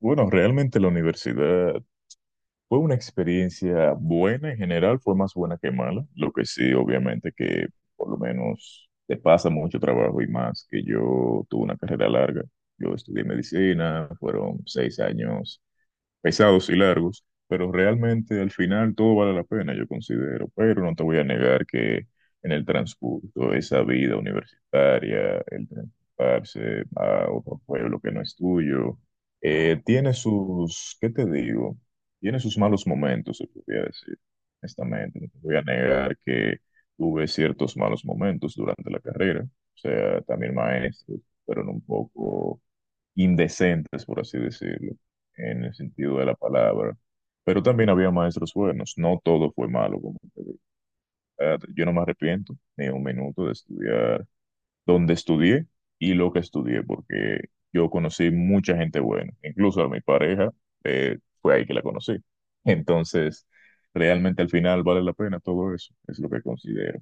Bueno, realmente la universidad fue una experiencia buena en general, fue más buena que mala. Lo que sí, obviamente, que por lo menos te pasa mucho trabajo y más que yo tuve una carrera larga. Yo estudié medicina, fueron 6 años pesados y largos, pero realmente al final todo vale la pena, yo considero, pero no te voy a negar que en el transcurso de esa vida universitaria, el transportarse a otro pueblo que no es tuyo, tiene sus, ¿qué te digo? Tiene sus malos momentos, se podría decir, honestamente, no te voy a negar que tuve ciertos malos momentos durante la carrera, o sea, también maestros, fueron un poco indecentes, por así decirlo, en el sentido de la palabra. Pero también había maestros buenos, no todo fue malo como tal. Yo no me arrepiento ni un minuto de estudiar donde estudié y lo que estudié, porque yo conocí mucha gente buena, incluso a mi pareja, fue ahí que la conocí. Entonces, realmente al final vale la pena todo eso, es lo que considero.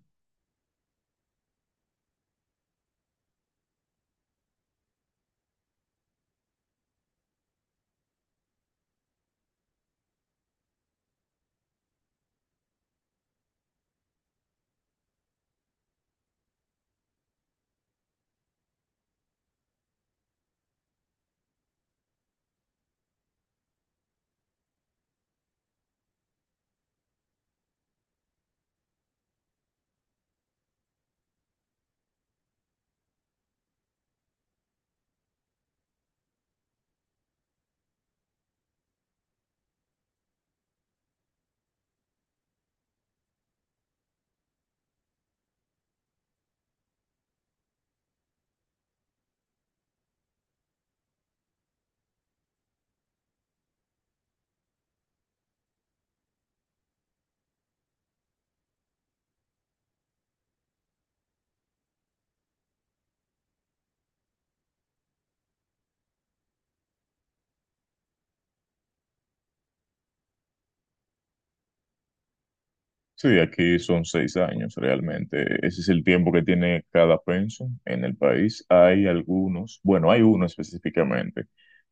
Sí, aquí son 6 años realmente. Ese es el tiempo que tiene cada pension en el país. Hay algunos, bueno, hay uno específicamente,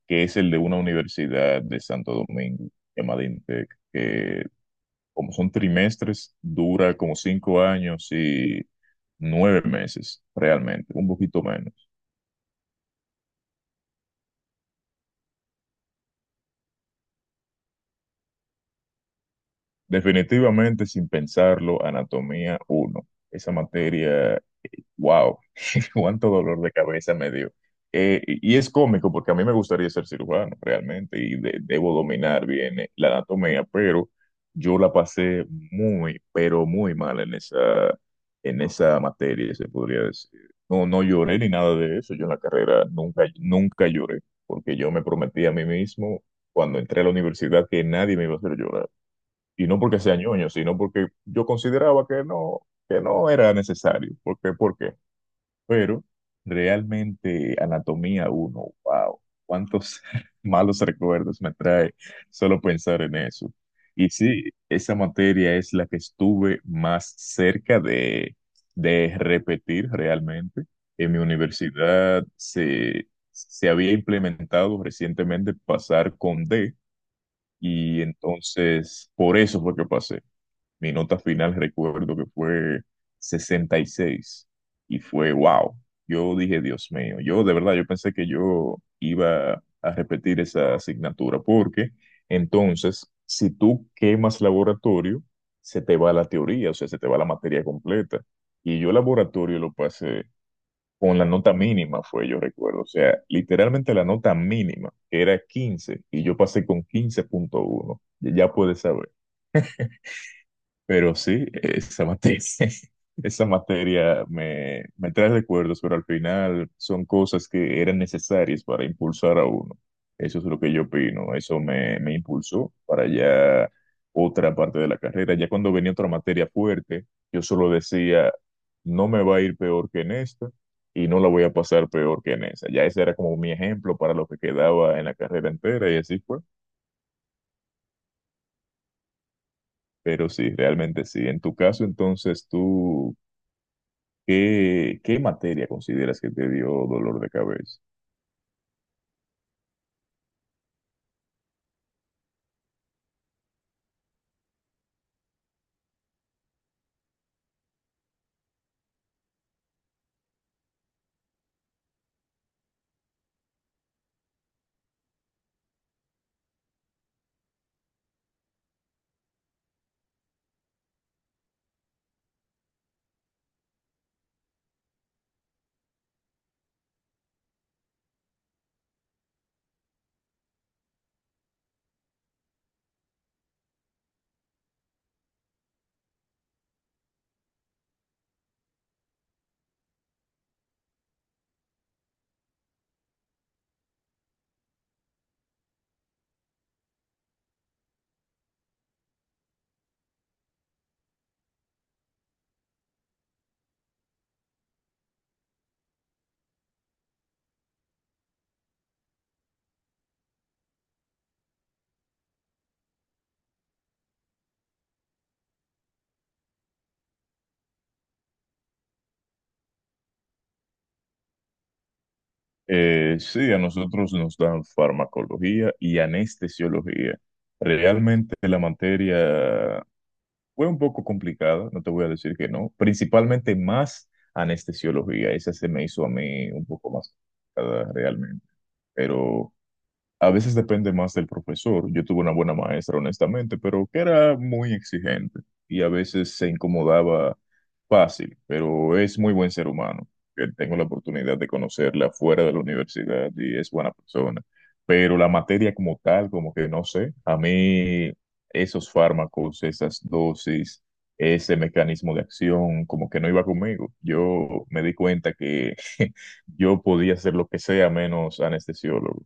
que es el de una universidad de Santo Domingo, llamada INTEC, que como son trimestres, dura como 5 años y 9 meses realmente, un poquito menos. Definitivamente, sin pensarlo, anatomía uno. Esa materia, wow, cuánto dolor de cabeza me dio. Y es cómico porque a mí me gustaría ser cirujano realmente y debo dominar bien la anatomía, pero yo la pasé muy, pero muy mal en esa materia, se podría decir. No, no lloré ni nada de eso. Yo en la carrera nunca, nunca lloré porque yo me prometí a mí mismo cuando entré a la universidad que nadie me iba a hacer llorar, y no porque sea ñoño, sino porque yo consideraba que no era necesario. ¿Por qué? ¿Por qué? Pero realmente anatomía uno, wow, cuántos malos recuerdos me trae solo pensar en eso. Y sí, esa materia es la que estuve más cerca de repetir realmente. En mi universidad se había implementado recientemente pasar con D, y entonces por eso fue que pasé. Mi nota final recuerdo que fue 66 y fue wow. Yo dije, Dios mío, yo de verdad, yo pensé que yo iba a repetir esa asignatura porque entonces, si tú quemas laboratorio, se te va la teoría, o sea, se te va la materia completa. Y yo laboratorio lo pasé con la nota mínima, fue, yo recuerdo, o sea, literalmente la nota mínima, que era 15, y yo pasé con 15.1, ya puedes saber. Pero sí, esa materia, esa materia me, me trae recuerdos, pero al final son cosas que eran necesarias para impulsar a uno. Eso es lo que yo opino, eso me impulsó para ya otra parte de la carrera. Ya cuando venía otra materia fuerte, yo solo decía, no me va a ir peor que en esta y no la voy a pasar peor que en esa. Ya ese era como mi ejemplo para lo que quedaba en la carrera entera, y así fue. Pero sí, realmente sí. En tu caso, entonces, tú... ¿Qué materia consideras que te dio dolor de cabeza? Sí, a nosotros nos dan farmacología y anestesiología. Realmente la materia fue un poco complicada, no te voy a decir que no, principalmente más anestesiología, esa se me hizo a mí un poco más complicada realmente, pero... A veces depende más del profesor. Yo tuve una buena maestra, honestamente, pero que era muy exigente y a veces se incomodaba fácil, pero es muy buen ser humano, que tengo la oportunidad de conocerla fuera de la universidad y es buena persona. Pero la materia como tal, como que no sé, a mí esos fármacos, esas dosis, ese mecanismo de acción, como que no iba conmigo. Yo me di cuenta que yo podía ser lo que sea menos anestesiólogo.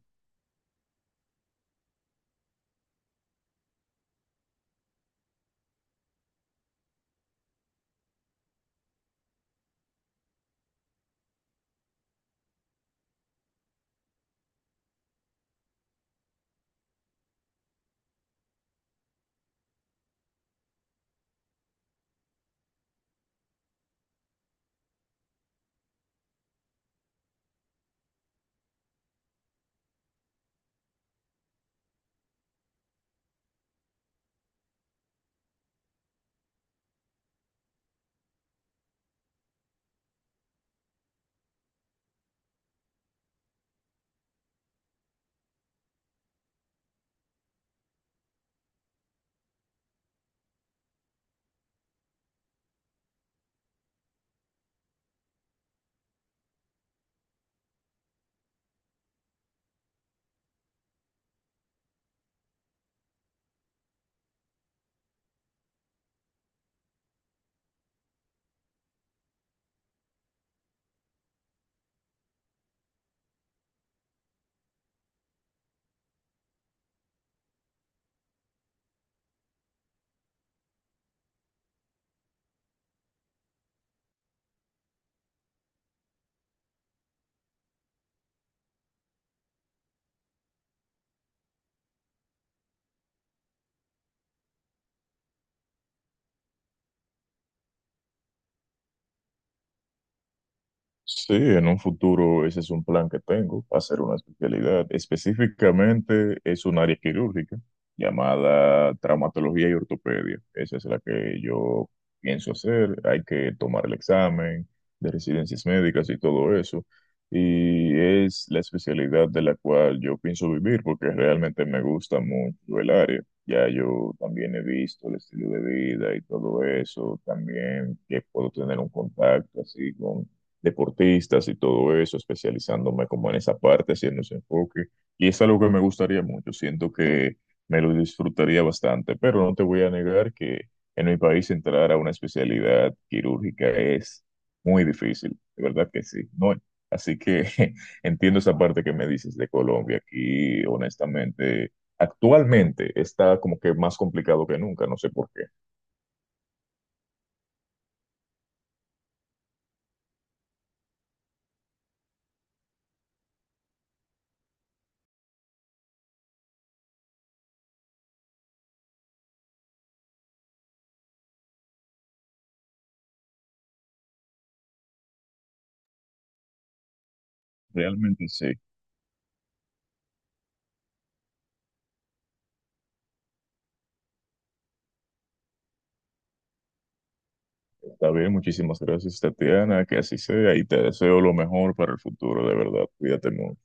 Sí, en un futuro ese es un plan que tengo, hacer una especialidad. Específicamente es un área quirúrgica llamada traumatología y ortopedia. Esa es la que yo pienso hacer. Hay que tomar el examen de residencias médicas y todo eso. Y es la especialidad de la cual yo pienso vivir porque realmente me gusta mucho el área. Ya yo también he visto el estilo de vida y todo eso, también que puedo tener un contacto así con deportistas y todo eso, especializándome como en esa parte, haciendo ese enfoque. Y es algo que me gustaría mucho, siento que me lo disfrutaría bastante, pero no te voy a negar que en mi país entrar a una especialidad quirúrgica es muy difícil, de verdad que sí. No, así que entiendo esa parte que me dices de Colombia, aquí honestamente, actualmente está como que más complicado que nunca, no sé por qué. Realmente sí. Está bien, muchísimas gracias, Tatiana, que así sea y te deseo lo mejor para el futuro, de verdad. Cuídate mucho.